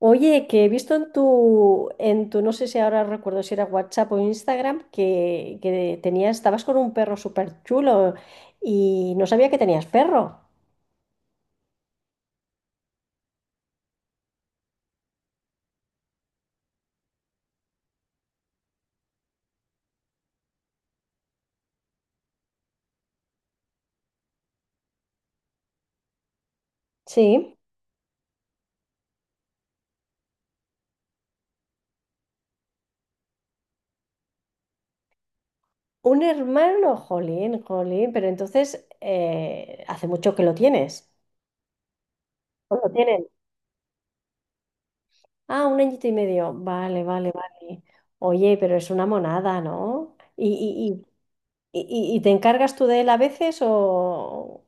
Oye, que he visto en tu, no sé si ahora recuerdo si era WhatsApp o Instagram, que tenías, estabas con un perro súper chulo y no sabía que tenías perro. Sí. Un hermano, jolín, jolín, pero entonces hace mucho que lo tienes. ¿O lo tienen? Ah, un añito y medio. Vale, vale, vale. Oye, pero es una monada, ¿no? Y, y, y te encargas tú de él a veces o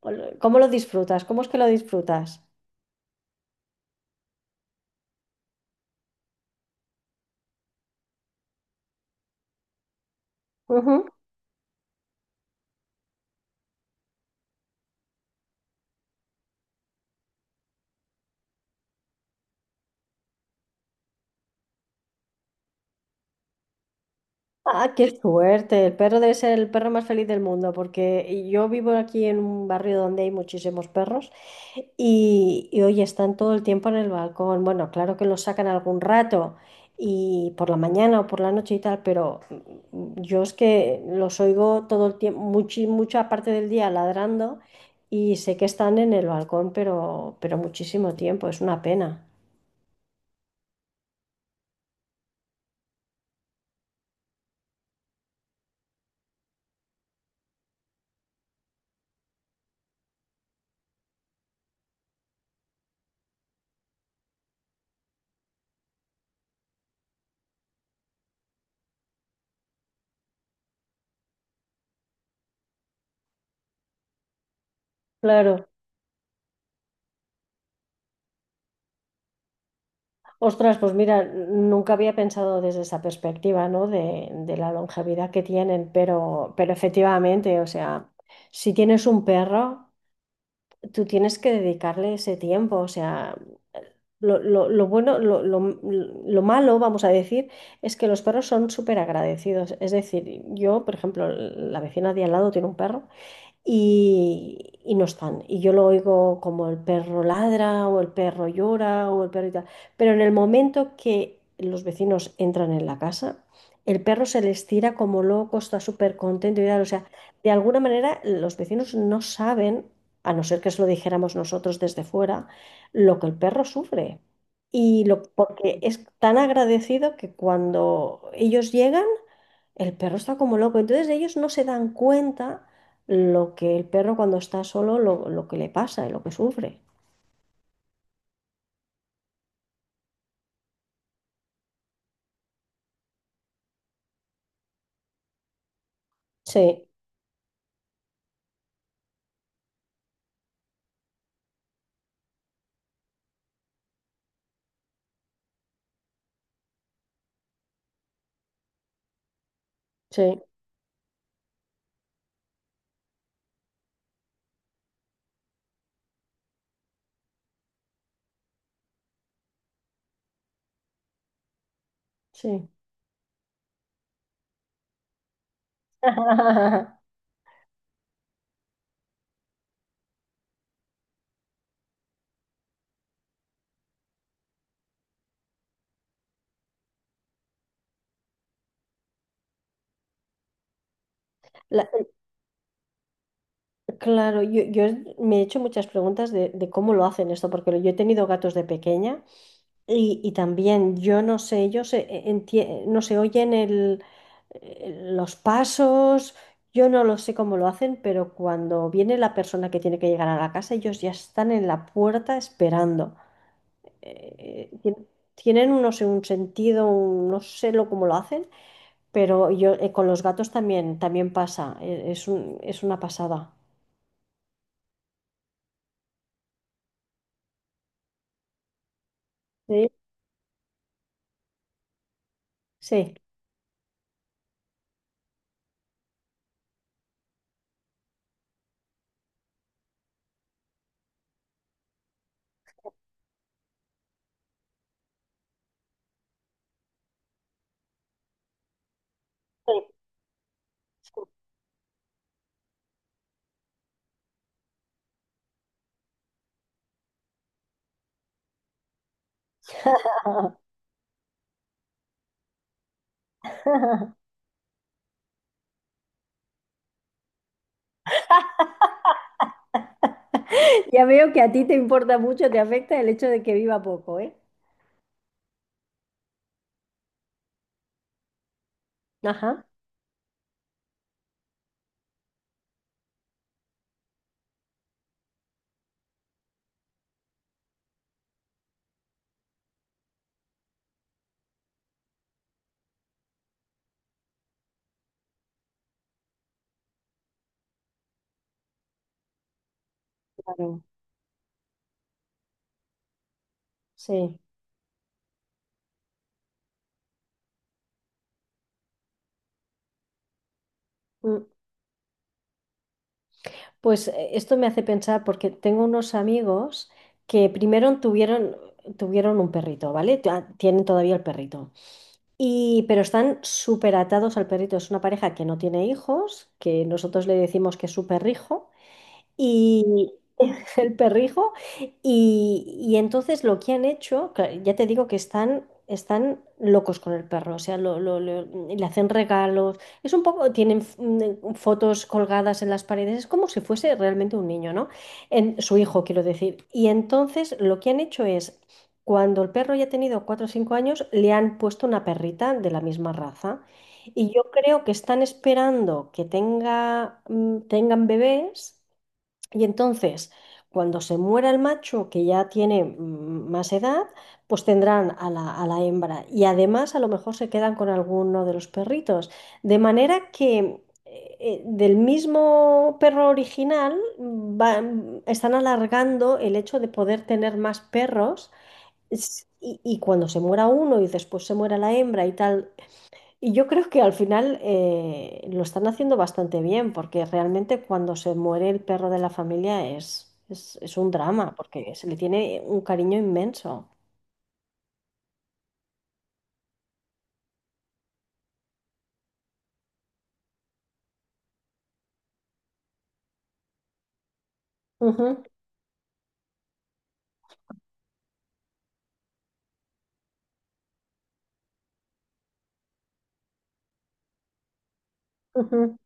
o lo- ¿cómo lo disfrutas? ¿Cómo es que lo disfrutas? Ujú. Ah, qué suerte. El perro debe ser el perro más feliz del mundo, porque yo vivo aquí en un barrio donde hay muchísimos perros y oye, están todo el tiempo en el balcón. Bueno, claro que los sacan algún rato y por la mañana o por la noche y tal, pero yo es que los oigo todo el tiempo, mucha parte del día ladrando y sé que están en el balcón, pero muchísimo tiempo. Es una pena. Claro. Ostras, pues mira, nunca había pensado desde esa perspectiva, ¿no? De la longevidad que tienen, pero efectivamente, o sea, si tienes un perro, tú tienes que dedicarle ese tiempo, o sea, lo bueno, lo malo, vamos a decir, es que los perros son súper agradecidos. Es decir, yo, por ejemplo, la vecina de al lado tiene un perro y no están. Y yo lo oigo como el perro ladra o el perro llora o el perro y tal. Pero en el momento que los vecinos entran en la casa, el perro se les tira como loco, está súper contento y tal. O sea, de alguna manera los vecinos no saben, a no ser que se lo dijéramos nosotros desde fuera, lo que el perro sufre. Y lo, porque es tan agradecido que cuando ellos llegan, el perro está como loco, entonces ellos no se dan cuenta lo que el perro cuando está solo, lo que le pasa y lo que sufre. Sí, sí, sí. La- claro, yo me he hecho muchas preguntas de cómo lo hacen esto, porque yo he tenido gatos de pequeña y también yo no sé, ellos no se oyen los pasos, yo no lo sé cómo lo hacen, pero cuando viene la persona que tiene que llegar a la casa, ellos ya están en la puerta esperando. eh, tien- Tienen, no sé, un sentido, no sé lo, cómo lo hacen, pero yo con los gatos también, también pasa, es una pasada. Sí, sí. Sí. Ya veo que a ti te importa mucho, te afecta el hecho de que viva poco, ¿eh? Ajá, claro, sí. Mm. Pues esto me hace pensar porque tengo unos amigos que tuvieron un perrito, ¿vale? Tienen todavía el perrito. Y, pero están súper atados al perrito. Es una pareja que no tiene hijos, que nosotros le decimos que es su perrijo. Mm. Y, el perrijo. Y entonces lo que han hecho, que ya te digo que están locos con el perro, o sea, le hacen regalos, es un poco, tienen fotos colgadas en las paredes, es como si fuese realmente un niño, ¿no? En, su hijo, quiero decir. Y entonces lo que han hecho es, cuando el perro ya ha tenido 4 o 5 años, le han puesto una perrita de la misma raza. Y yo creo que están esperando que tengan bebés y entonces, cuando se muera el macho, que ya tiene más edad, pues tendrán a la hembra. Y además, a lo mejor se quedan con alguno de los perritos. De manera que del mismo perro original están alargando el hecho de poder tener más perros. Y cuando se muera uno y después se muera la hembra y tal, y yo creo que al final lo están haciendo bastante bien, porque realmente cuando se muere el perro de la familia es un drama, porque se le tiene un cariño inmenso. Ujú, ujú,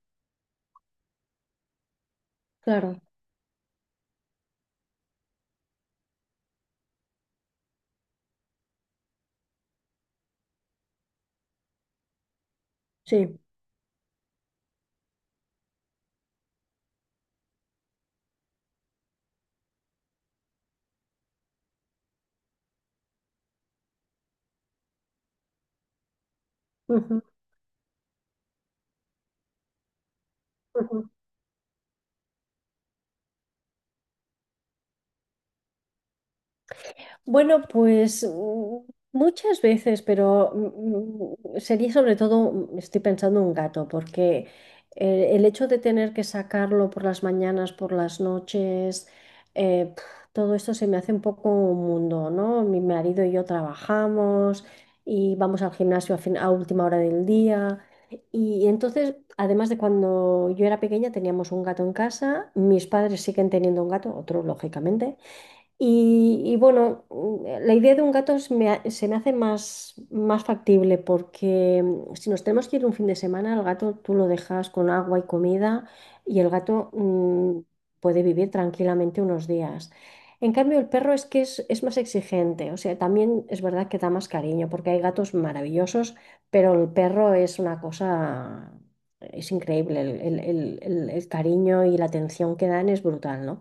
claro, sí. Ujú, ujú. Bueno, pues muchas veces, pero sería sobre todo, estoy pensando en un gato, porque el hecho de tener que sacarlo por las mañanas, por las noches, eh, pf, todo esto se me hace un poco un mundo, ¿no? Mi marido y yo trabajamos y vamos al gimnasio a última hora del día. Y entonces, además de cuando yo era pequeña, teníamos un gato en casa, mis padres siguen teniendo un gato, otro lógicamente. Y bueno, la idea de un gato se me hace más factible porque si nos tenemos que ir un fin de semana, al gato tú lo dejas con agua y comida y el gato puede vivir tranquilamente unos días. En cambio, el perro es que es más exigente, o sea, también es verdad que da más cariño porque hay gatos maravillosos, pero el perro es una cosa, es increíble, el cariño y la atención que dan es brutal, ¿no?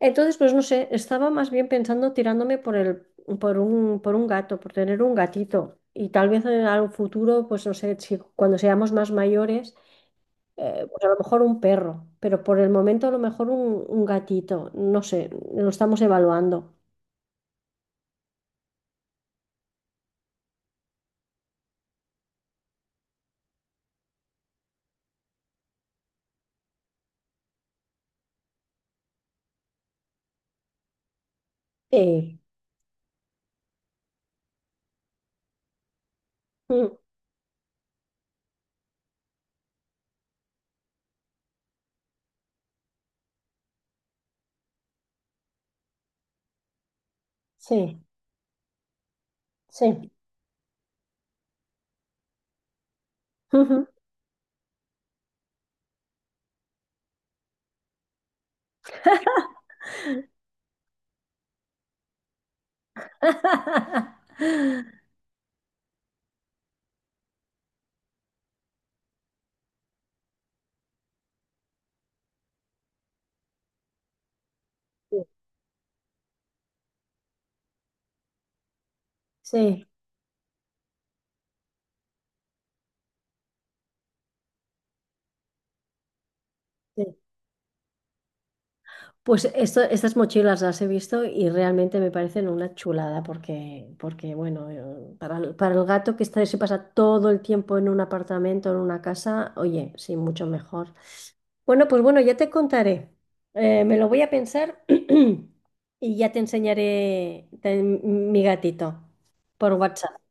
Entonces, pues no sé, estaba más bien pensando tirándome por por un gato, por tener un gatito. Y tal vez en algún futuro, pues no sé, si cuando seamos más mayores, pues a lo mejor un perro, pero por el momento a lo mejor un gatito, no sé, lo estamos evaluando. Eh, mm, sí, sí. Sí, sí. Pues estas mochilas las he visto y realmente me parecen una chulada porque, porque bueno, para para el gato que está, se pasa todo el tiempo en un apartamento, en una casa, oye, sí, mucho mejor. Bueno, pues bueno, ya te contaré. Me lo voy a pensar y ya te enseñaré mi gatito por WhatsApp.